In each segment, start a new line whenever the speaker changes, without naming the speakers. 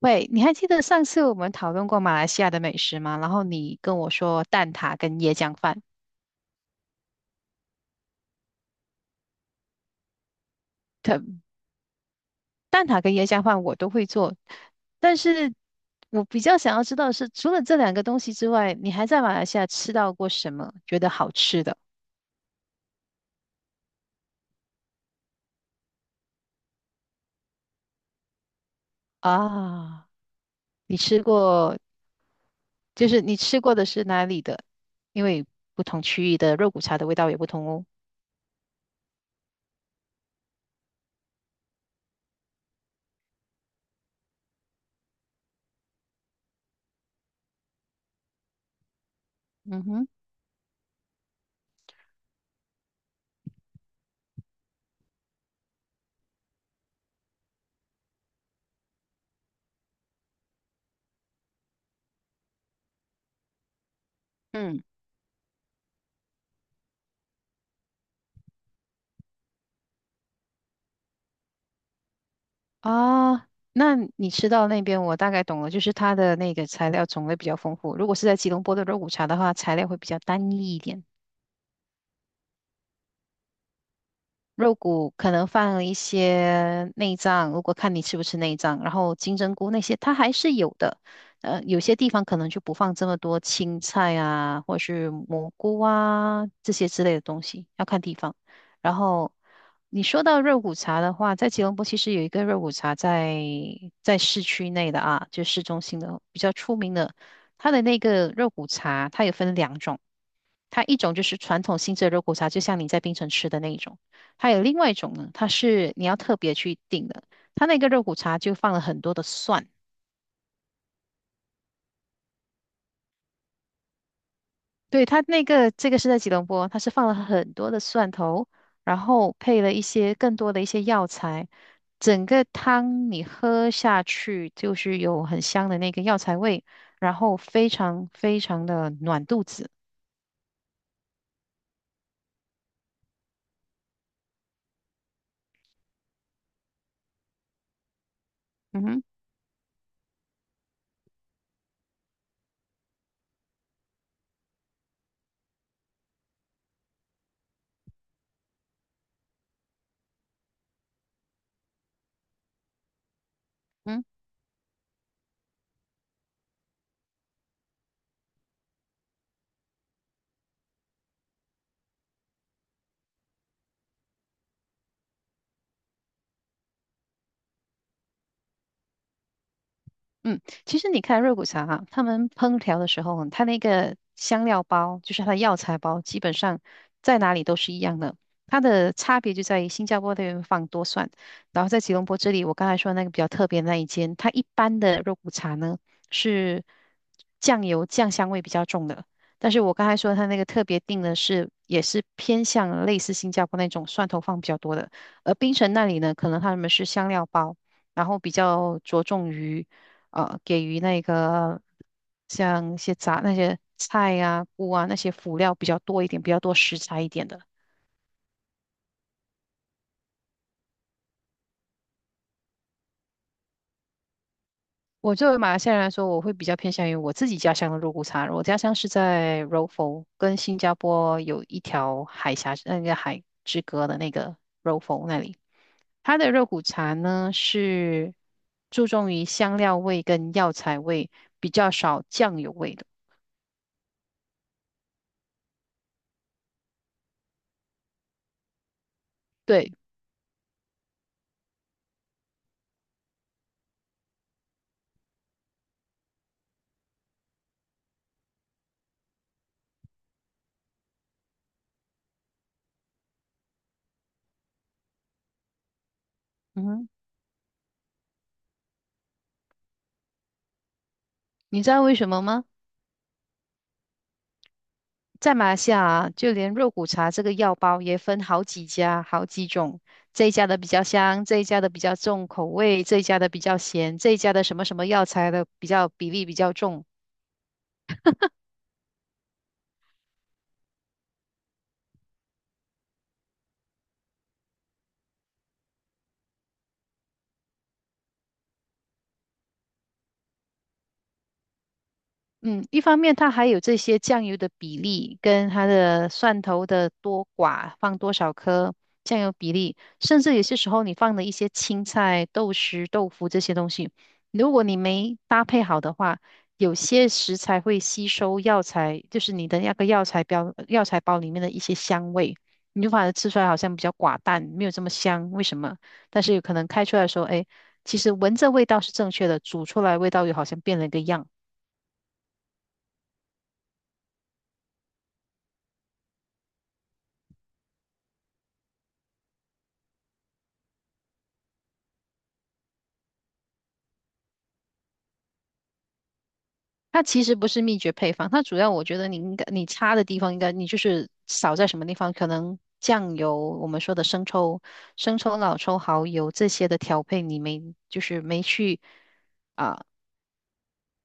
喂，你还记得上次我们讨论过马来西亚的美食吗？然后你跟我说蛋挞跟椰浆饭，蛋挞跟椰浆饭我都会做，但是我比较想要知道的是，除了这两个东西之外，你还在马来西亚吃到过什么觉得好吃的啊？你吃过，就是你吃过的是哪里的？因为不同区域的肉骨茶的味道也不同哦。嗯哼。嗯。啊，那你吃到那边，我大概懂了，就是它的那个材料种类比较丰富。如果是在吉隆坡的肉骨茶的话，材料会比较单一一点。肉骨可能放了一些内脏，如果看你吃不吃内脏，然后金针菇那些它还是有的。有些地方可能就不放这么多青菜啊，或者是蘑菇啊这些之类的东西，要看地方。然后你说到肉骨茶的话，在吉隆坡其实有一个肉骨茶在市区内的啊，就市中心的比较出名的，它的那个肉骨茶它有分两种。它一种就是传统性质的肉骨茶，就像你在槟城吃的那一种。还有另外一种呢，它是你要特别去订的。它那个肉骨茶就放了很多的蒜，对，它那个这个是在吉隆坡，它是放了很多的蒜头，然后配了一些更多的一些药材。整个汤你喝下去就是有很香的那个药材味，然后非常非常的暖肚子。嗯哼。嗯。嗯，其实你看肉骨茶啊，他们烹调的时候，它那个香料包，就是它的药材包，基本上在哪里都是一样的。它的差别就在于新加坡那边放多蒜，然后在吉隆坡这里，我刚才说那个比较特别的那一间，它一般的肉骨茶呢是酱油酱香味比较重的，但是我刚才说它那个特别定的是也是偏向类似新加坡那种蒜头放比较多的，而槟城那里呢，可能他们是香料包。然后比较着重于给予那个像一些杂那些菜呀、菇啊那些辅料比较多一点，比较多食材一点的。我作为马来西亚人来说，我会比较偏向于我自己家乡的肉骨茶。我家乡是在柔佛，跟新加坡有一条海峡那个海之隔的那个柔佛那里。它的肉骨茶呢是注重于香料味跟药材味，比较少酱油味的。对。嗯哼。你知道为什么吗？在马来西亚啊，就连肉骨茶这个药包也分好几家、好几种。这一家的比较香，这一家的比较重口味，这一家的比较咸，这一家的什么什么药材的比较比例比较重。嗯，一方面它还有这些酱油的比例，跟它的蒜头的多寡，放多少颗酱油比例，甚至有些时候你放的一些青菜、豆豉、豆腐这些东西，如果你没搭配好的话，有些食材会吸收药材，就是你的那个药材标药材包里面的一些香味，你就反而吃出来好像比较寡淡，没有这么香，为什么？但是有可能开出来说，哎，其实闻着味道是正确的，煮出来味道又好像变了一个样。它其实不是秘诀配方，它主要我觉得你应该你差的地方应该你就是少在什么地方，可能酱油我们说的生抽、老抽、蚝油这些的调配你没就是没去啊，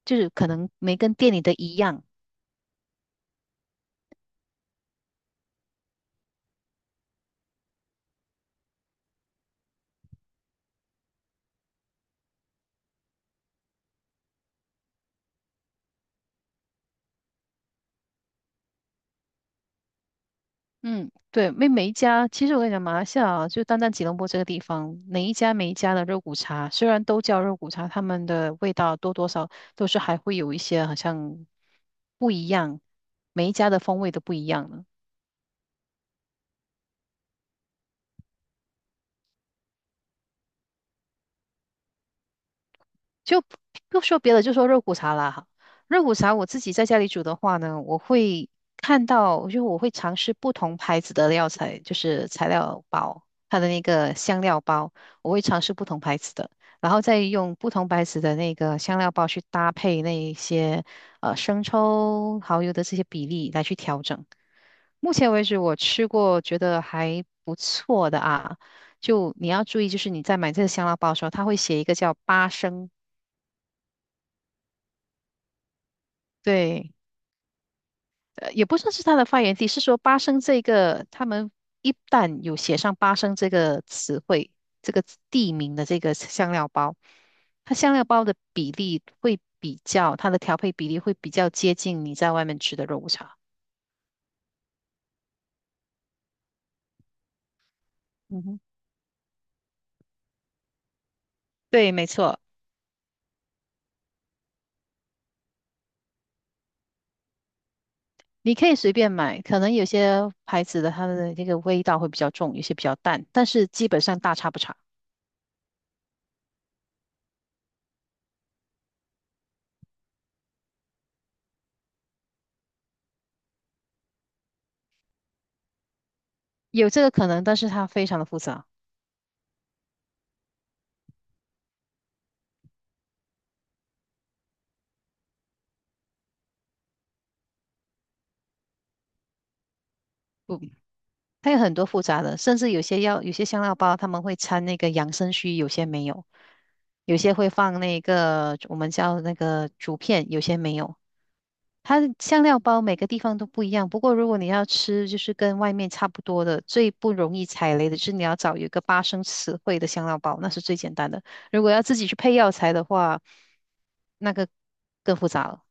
就是可能没跟店里的一样。嗯，对，每一家，其实我跟你讲，马来西亚啊就单单吉隆坡这个地方，每一家每一家的肉骨茶，虽然都叫肉骨茶，他们的味道多多少都是还会有一些好像不一样，每一家的风味都不一样呢。就不说别的，就说肉骨茶啦哈。肉骨茶我自己在家里煮的话呢，我会看到，就我会尝试不同牌子的料材，就是材料包，它的那个香料包，我会尝试不同牌子的，然后再用不同牌子的那个香料包去搭配那一些生抽、蚝油的这些比例来去调整。目前为止，我吃过觉得还不错的啊。就你要注意，就是你在买这个香料包的时候，它会写一个叫八升，对，也不算是它的发源地，是说巴生这个，他们一旦有写上巴生这个词汇、这个地名的这个香料包，它香料包的比例会比较，它的调配比例会比较接近你在外面吃的肉骨茶。嗯哼，对，没错，你可以随便买，可能有些牌子的它的这个味道会比较重，有些比较淡，但是基本上大差不差，有这个可能，但是它非常的复杂。它有很多复杂的，甚至有些药，有些香料包他们会掺那个养生须，有些没有，有些会放那个我们叫那个竹片，有些没有。它的香料包每个地方都不一样，不过如果你要吃就是跟外面差不多的，最不容易踩雷的是你要找有一个八生词汇的香料包，那是最简单的。如果要自己去配药材的话，那个更复杂了。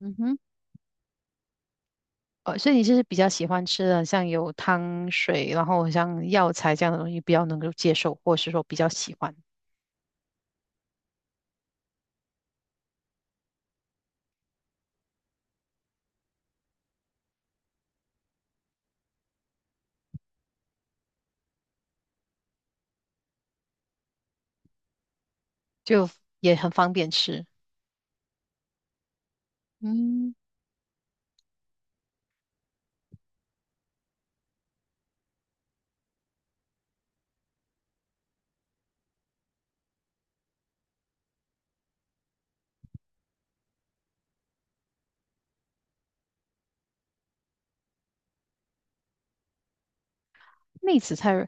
嗯哼。所以你就是比较喜欢吃的，像有汤水，然后像药材这样的东西，比较能够接受，或是说比较喜欢，就也很方便吃。嗯，妹子菜，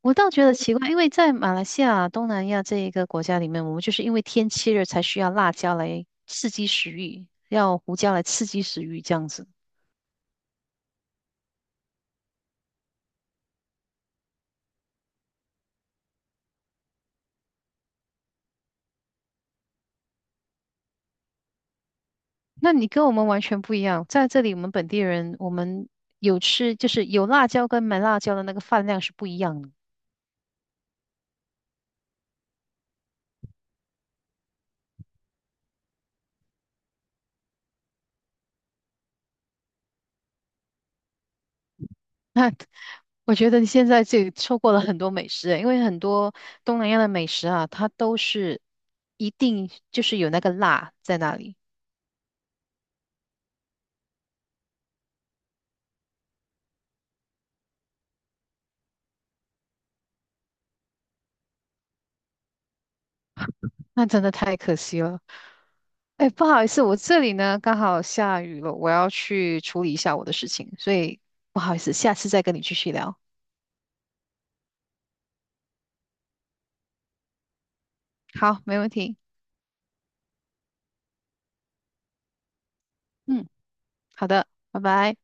我倒觉得奇怪，因为在马来西亚、东南亚这一个国家里面，我们就是因为天气热才需要辣椒来刺激食欲，要胡椒来刺激食欲这样子。那你跟我们完全不一样，在这里我们本地人，我们有吃就是有辣椒跟没辣椒的那个饭量是不一样的。那我觉得你现在这里错过了很多美食，因为很多东南亚的美食啊，它都是一定就是有那个辣在那里，那真的太可惜了。哎，不好意思，我这里呢刚好下雨了，我要去处理一下我的事情，所以不好意思，下次再跟你继续聊。好，没问题。嗯，好的，拜拜。